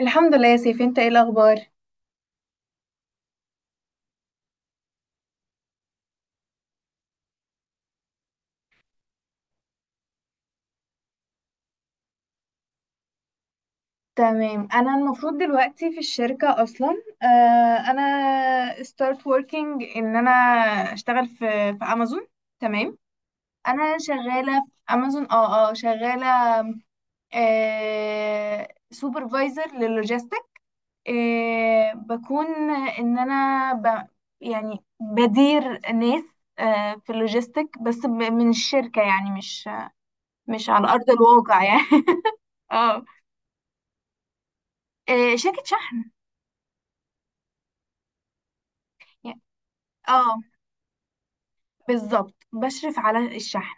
الحمد لله يا سيف، انت ايه الاخبار؟ تمام، انا المفروض دلوقتي في الشركة اصلا. انا start working ان انا اشتغل في امازون. تمام، انا شغالة في امازون. اه شغالة، سوبرفايزر للوجيستيك. بكون ان انا يعني بدير ناس، في اللوجيستيك، بس من الشركة، يعني مش على ارض الواقع يعني. اه، شركة. يعني- اه بالظبط، بشرف على الشحن،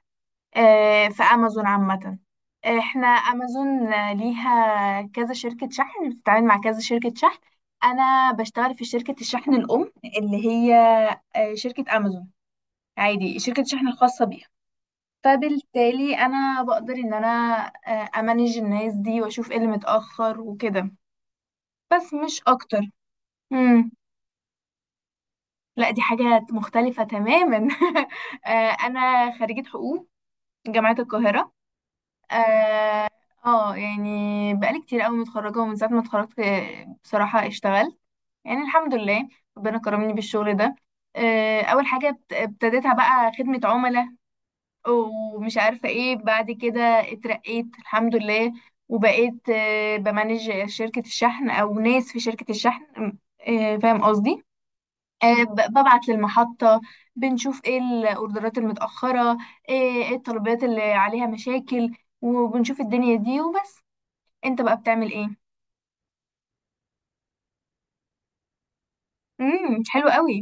في امازون عامة. احنا امازون ليها كذا شركة شحن، بتتعامل مع كذا شركة شحن. انا بشتغل في شركة الشحن الام، اللي هي شركة امازون، عادي، شركة الشحن الخاصة بيها. فبالتالي انا بقدر ان انا امانج الناس دي واشوف ايه اللي متأخر وكده، بس مش اكتر. مم. لا، دي حاجة مختلفة تماما. آه، انا خريجة حقوق، جامعة القاهرة. اه، يعني بقالي كتير قوي متخرجة، ومن ساعة ما اتخرجت بصراحة اشتغلت، يعني الحمد لله، ربنا كرمني بالشغل ده. أول حاجة ابتديتها بقى خدمة عملاء، ومش عارفة ايه بعد كده اترقيت الحمد لله، وبقيت بمانج شركة الشحن، أو ناس في شركة الشحن، فاهم قصدي. ببعت للمحطة، بنشوف ايه الاوردرات المتأخرة، إيه الطلبات اللي عليها مشاكل، وبنشوف الدنيا دي وبس. انت بقى بتعمل ايه؟ امم، حلو قوي.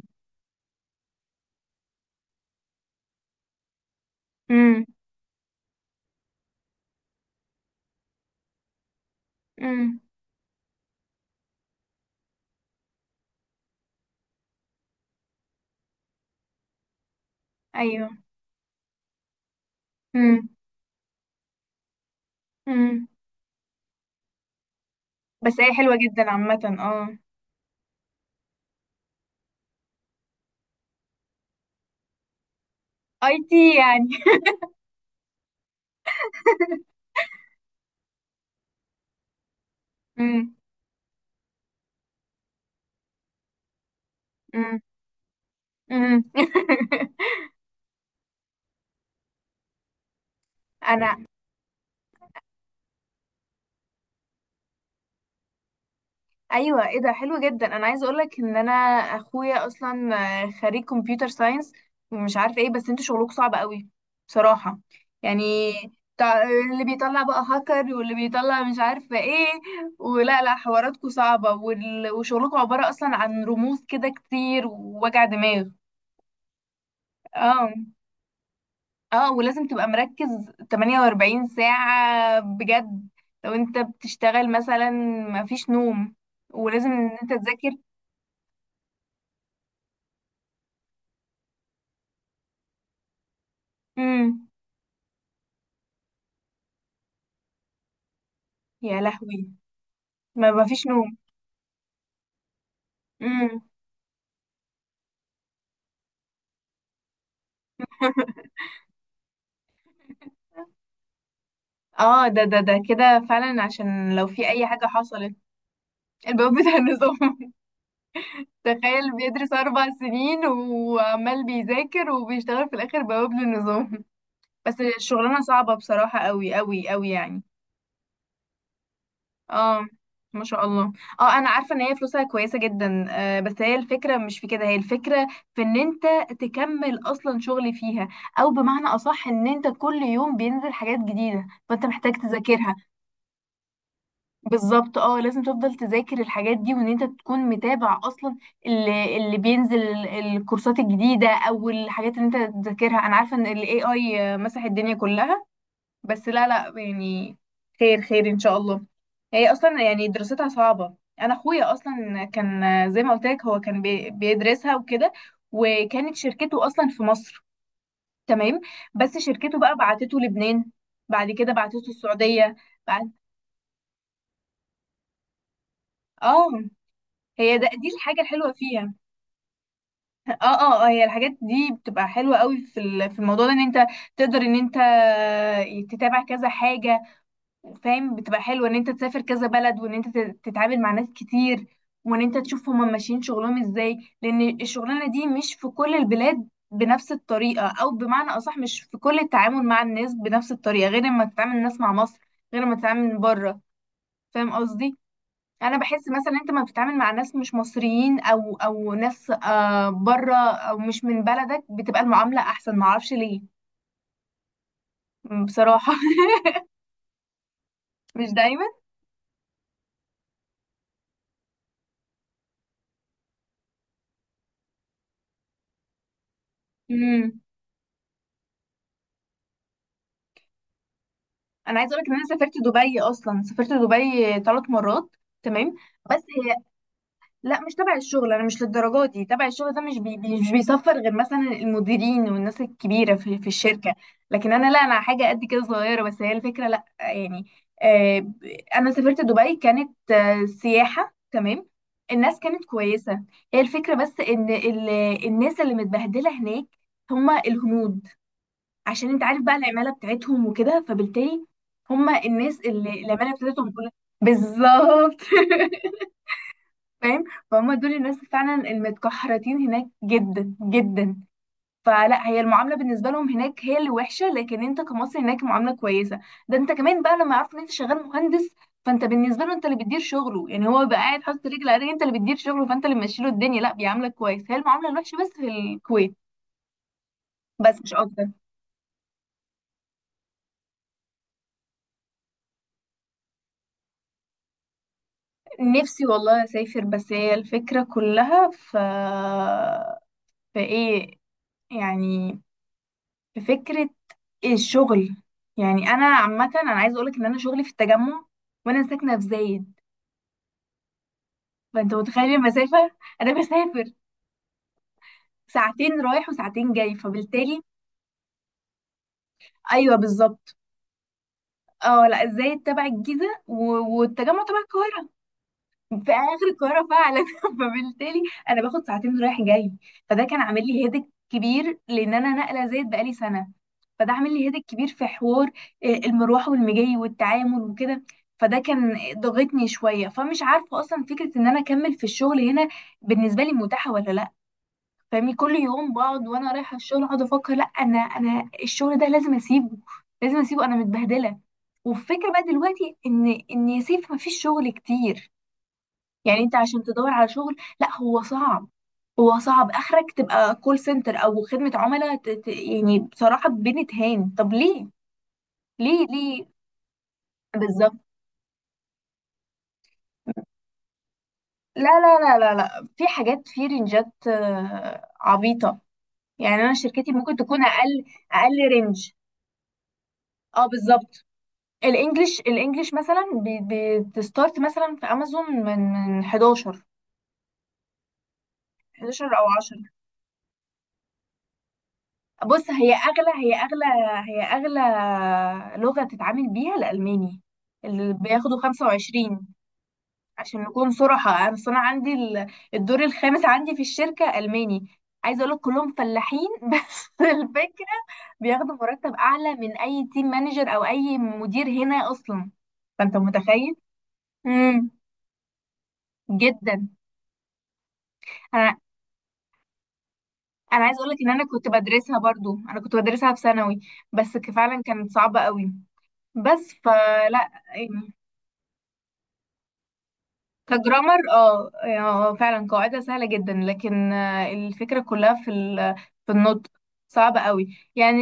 امم. امم. ايوه. امم. امم. بس هي حلوة جدا عامة، اه. اي تي يعني؟ امم. امم. امم. انا، ايوه، ايه ده، حلو جدا، انا عايزه اقولك ان انا، اخويا اصلا خريج كمبيوتر ساينس ومش عارفه ايه، بس انتوا شغلكم صعب قوي بصراحه، يعني تع- اللي بيطلع بقى هاكر، واللي بيطلع مش عارفه ايه، ولا لا، حواراتكم صعبه، وشغلكم عباره اصلا عن رموز كده كتير ووجع دماغ. اه. اه، ولازم تبقى مركز 48 ساعه بجد لو انت بتشتغل مثلا، مفيش نوم، ولازم ان انت تذاكر. مم. يا لهوي. ما فيش نوم. امم. اه، ده كده فعلا، عشان لو في اي حاجه حصلت. الباب بتاع النظام. تخيل بيدرس 4 سنين وعمال بيذاكر وبيشتغل، في الاخر بواب للنظام. بس الشغلانه صعبه بصراحه قوي قوي قوي يعني. اه، ما شاء الله. اه، انا عارفه ان هي فلوسها كويسه جدا، بس هي الفكره مش في كده، هي الفكره في ان انت تكمل اصلا شغل فيها، او بمعنى اصح ان انت كل يوم بينزل حاجات جديده فانت محتاج تذاكرها. بالظبط، اه، لازم تفضل تذاكر الحاجات دي، وان انت تكون متابع اصلا اللي بينزل الكورسات الجديدة، او الحاجات اللي انت تذاكرها. انا عارفة ان ال AI مسح الدنيا كلها، بس لا لا يعني، خير خير ان شاء الله. هي اصلا يعني دراستها صعبة، انا اخويا اصلا كان، زي ما قلت لك، هو كان بيدرسها وكده، وكانت شركته اصلا في مصر. تمام، بس شركته بقى بعتته لبنان، بعد كده بعتته السعودية، بعد، اه، هي دي الحاجة الحلوة فيها. اه. اه، هي الحاجات دي بتبقى حلوة قوي في في الموضوع ده، ان انت تقدر ان انت تتابع كذا حاجة، فاهم، بتبقى حلوة ان انت تسافر كذا بلد، وان انت تتعامل مع ناس كتير، وان انت تشوف هما ماشيين شغلهم ازاي، لان الشغلانة دي مش في كل البلاد بنفس الطريقة، او بمعنى اصح مش في كل التعامل مع الناس بنفس الطريقة، غير لما تتعامل الناس مع مصر، غير لما تتعامل بره، فاهم قصدي. انا بحس مثلا انت ما بتتعامل مع ناس مش مصريين، او ناس بره، او مش من بلدك، بتبقى المعامله احسن، ما اعرفش ليه. بصراحه. مش دايما. امم. انا عايزه اقول لك ان انا سافرت دبي، اصلا سافرت دبي 3 مرات. تمام، بس لا، مش تبع الشغل، انا مش للدرجات دي تبع الشغل ده، مش بي مش بيصفر غير مثلا المديرين والناس الكبيره في الشركه. لكن انا، لا، انا حاجه قد كده صغيره، بس هي الفكره، لا يعني. آه ب- انا سافرت دبي، كانت سياحه، تمام، الناس كانت كويسه. هي الفكره بس ان الناس اللي متبهدله هناك هما الهنود، عشان انت عارف بقى العماله بتاعتهم وكده، فبالتالي هما الناس اللي العماله بتاعتهم. بالظبط. فاهم، فهم دول الناس فعلا المتكحرتين هناك جدا جدا. فلا، هي المعامله بالنسبه لهم هناك هي اللي وحشه، لكن انت كمصري هناك معامله كويسه. ده انت كمان بقى لما عرفت ان انت شغال مهندس، فانت بالنسبه له انت اللي بتدير شغله، يعني هو بقى قاعد حاطط رجل على رجل، انت اللي بتدير شغله، فانت اللي ماشيله الدنيا، لا بيعاملك كويس. هي المعامله الوحشه بس في الكويت، بس مش اكتر. نفسي والله اسافر، بس هي الفكره كلها في ايه يعني، في فكرة الشغل. يعني أنا عامة، أنا عايزة أقولك إن أنا شغلي في التجمع، وأنا ساكنة في زايد، فأنت متخيل المسافة. أنا بسافر ساعتين رايح وساعتين جاي، فبالتالي. أيوه، بالظبط، اه، لا، زايد تبع الجيزة، والتجمع تبع القاهرة، في اخر القاهره فعلا. فبالتالي انا باخد ساعتين رايح جاي، فده كان عامل لي هيدك كبير، لان انا نقله زيت بقالي سنه، فده عامل لي هيدك كبير في حوار المروح والمجي والتعامل وكده، فده كان ضغطني شويه، فمش عارفه اصلا فكره ان انا اكمل في الشغل هنا بالنسبه لي متاحه ولا لا. فاهمني، كل يوم بقعد وانا رايحه الشغل اقعد افكر، لا، انا، الشغل ده لازم اسيبه، لازم اسيبه، انا متبهدله. والفكره بقى دلوقتي ان يا سيف مفيش شغل كتير. يعني انت عشان تدور على شغل، لا هو صعب، هو صعب، اخرك تبقى كول سنتر او خدمة عملاء، يعني بصراحة بنتهان، طب ليه، ليه، ليه؟ بالظبط. لا لا لا لا لا، في حاجات، في رينجات عبيطة، يعني انا شركتي ممكن تكون اقل، اقل رينج. اه، بالظبط. الانجليش مثلا بتستارت مثلا في امازون من 11 او 10. بص، هي اغلى لغة تتعامل بيها الالماني، اللي بياخدوا 25. عشان نكون صراحة، انا انا عندي الدور الخامس عندي في الشركة الماني، عايزة اقول لك كلهم فلاحين. بس الفكرة، بياخدوا مرتب اعلى من اي تيم مانجر او اي مدير هنا اصلا، فانت متخيل. امم. جدا. انا انا عايزه اقول لك ان انا كنت بدرسها برضو، انا كنت بدرسها في ثانوي، بس فعلا كانت صعبه قوي، بس فلا يعني. كجرامر، اه، فعلا قاعدة سهلة جدا، لكن الفكرة كلها في في النطق، صعب قوي يعني.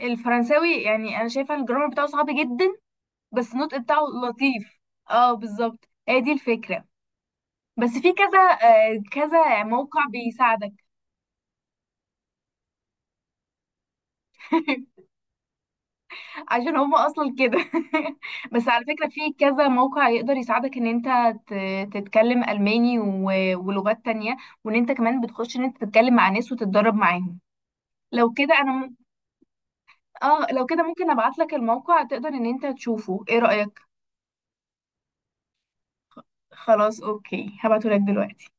الفرنساوي يعني انا شايفة الجرامر بتاعه صعب جدا، بس النطق بتاعه لطيف. اه، بالظبط، هي دي الفكرة. بس في كذا، كذا موقع بيساعدك. عشان هما اصلا كده. بس على فكرة في كذا موقع يقدر يساعدك ان انت تتكلم الماني ولغات تانية، وان انت كمان بتخش ان انت تتكلم مع ناس وتتدرب معاهم. لو كده انا م... اه لو كده ممكن ابعت لك الموقع تقدر ان انت تشوفه، ايه رأيك؟ خلاص، اوكي، هبعته لك دلوقتي.